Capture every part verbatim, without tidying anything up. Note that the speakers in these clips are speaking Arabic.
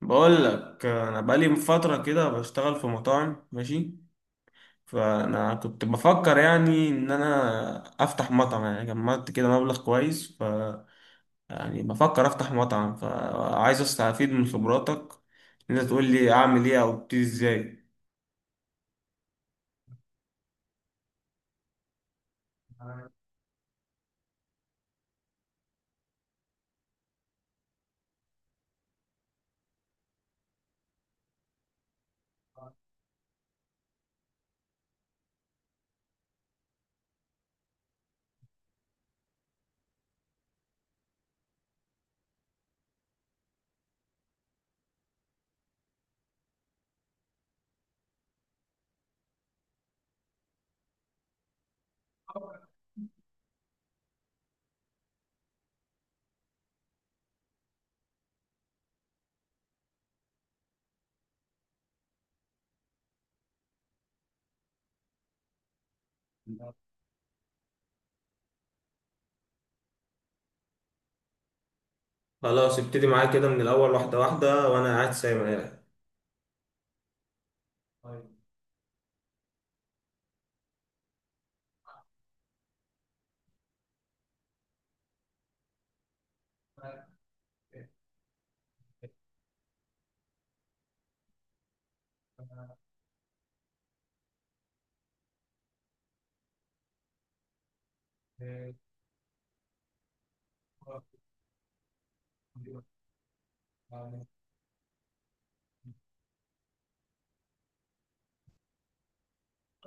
بقول لك انا بقالي من فتره كده بشتغل في مطاعم، ماشي. فانا كنت بفكر يعني ان انا افتح مطعم، يعني جمعت كده مبلغ كويس، ف يعني بفكر افتح مطعم، فعايز استفيد من خبراتك إن انت تقول لي اعمل ايه او ابتدي ازاي. خلاص، ابتدي معايا كده من الأول واحدة واحدة وأنا قاعد سايب عليها.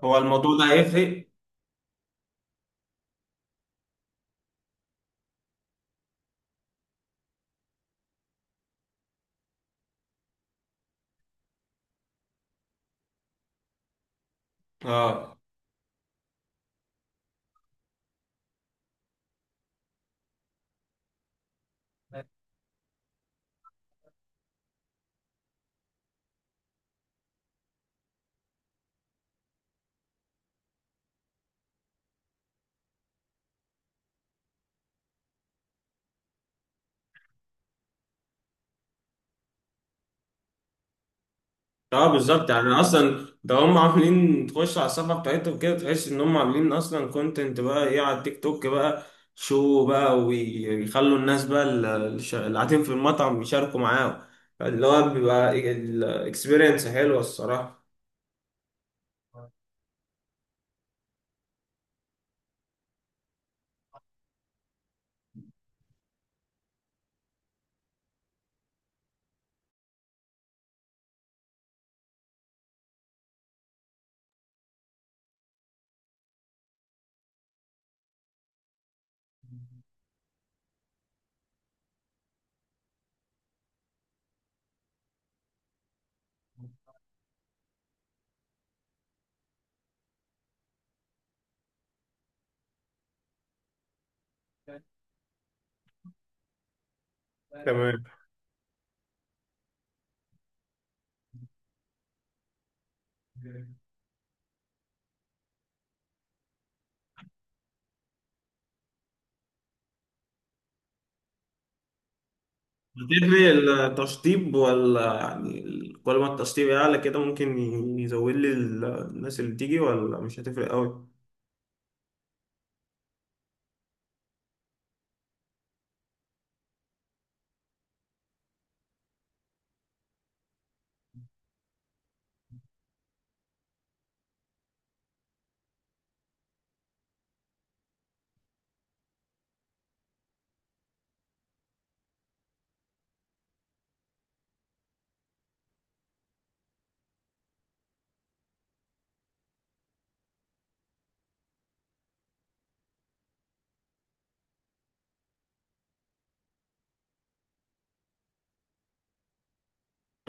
هو الموضوع ده هيفرق؟ اه، اه، بالظبط، يعني اصلا ده هم عاملين تخش على الصفحه بتاعتهم كده تحس ان هم عاملين اصلا كونتنت بقى ايه على التيك توك بقى شو بقى، ويخلوا الناس بقى ال- الش- اللي قاعدين في المطعم يشاركوا معاهم، اللي هو بيبقى الاكسبيرينس حلوه الصراحه. تمام. بتدري التشطيب ولا يعني ال- كل ما التشطيب يعلى كده ممكن ي- يزود لي ال- الناس اللي تيجي، ولا مش هتفرق قوي؟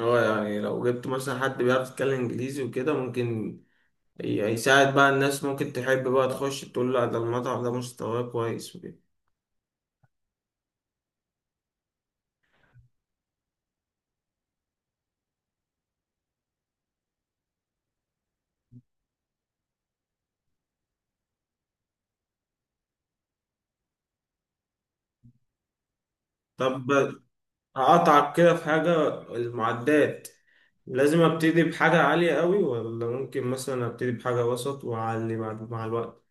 هو يعني لو جبت مثلا حد بيعرف يتكلم انجليزي وكده ممكن يساعد بقى، الناس ممكن تحب بقى تخش تقول لا ده المطعم ده مستواه كويس وكده. طب، أقطعك كده في حاجة. المعدات، لازم أبتدي بحاجة عالية قوي ولا ممكن مثلا أبتدي بحاجة وسط وأعلي بعد مع الوقت؟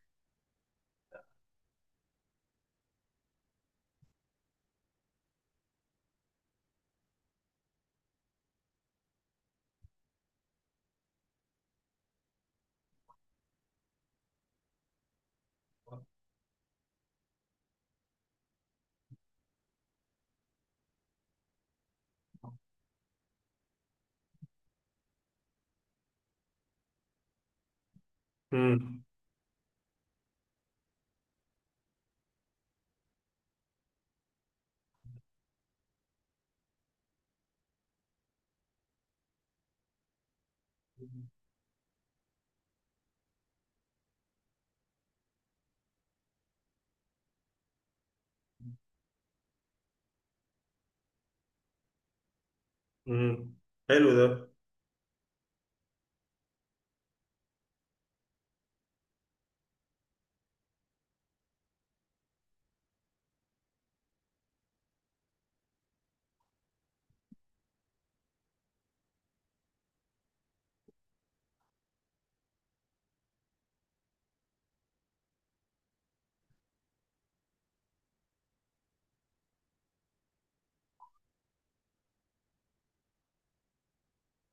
مم. مم. حلو ده.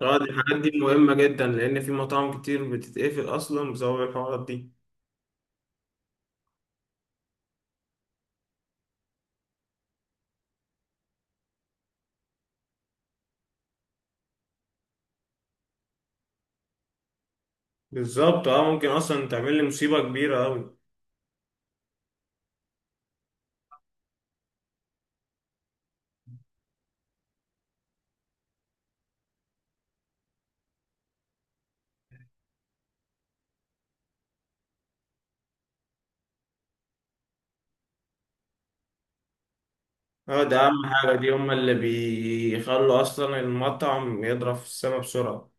اه، دي الحاجات دي مهمة جدا لأن في مطاعم كتير بتتقفل أصلا بسبب الحوارات دي. بالظبط، اه، ممكن أصلا تعمل لي مصيبة كبيرة أوي. اه، ده اهم حاجة، دي هما اللي بيخلوا اصلا المطعم يضرب في السما بسرعة.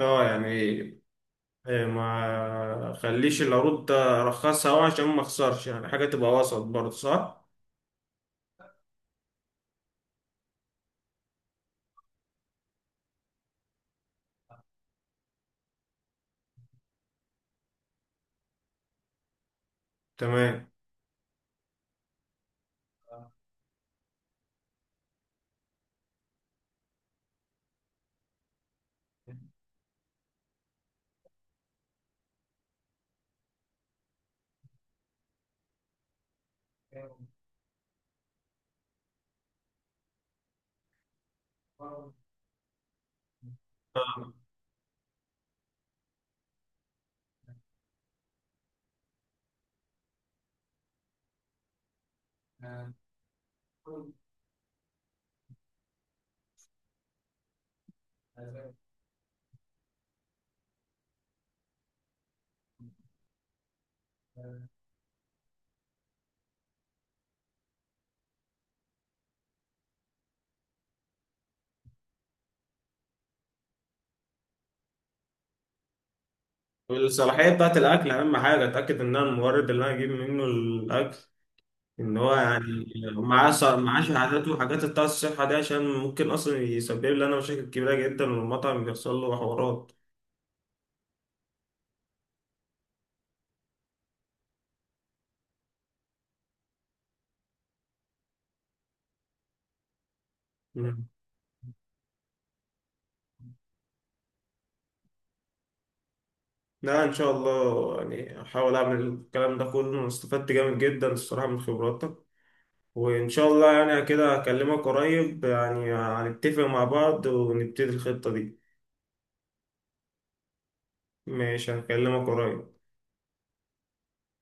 اه، يعني آه، ما خليش العروض ده رخصها أوي عشان ما اخسرش، يعني حاجة تبقى وسط برضه، صح؟ تمام. آه. والصلاحية بتاعت الأكل أهم حاجة، أتأكد إن أنا المورد اللي أنا أجيب منه الأكل ان هو يعني معاه ص- معاه شهادات وحاجات بتاع الصحه دي، عشان ممكن اصلا يسبب لي انا مشاكل كبيره جدا والمطعم بيحصل له حوارات. مم. لا، ان شاء الله يعني احاول اعمل الكلام ده كله. أنا استفدت جامد جدا الصراحه من خبراتك، وان شاء الله يعني كده اكلمك قريب، يعني هنتفق مع بعض ونبتدي الخطه دي. ماشي، هكلمك قريب.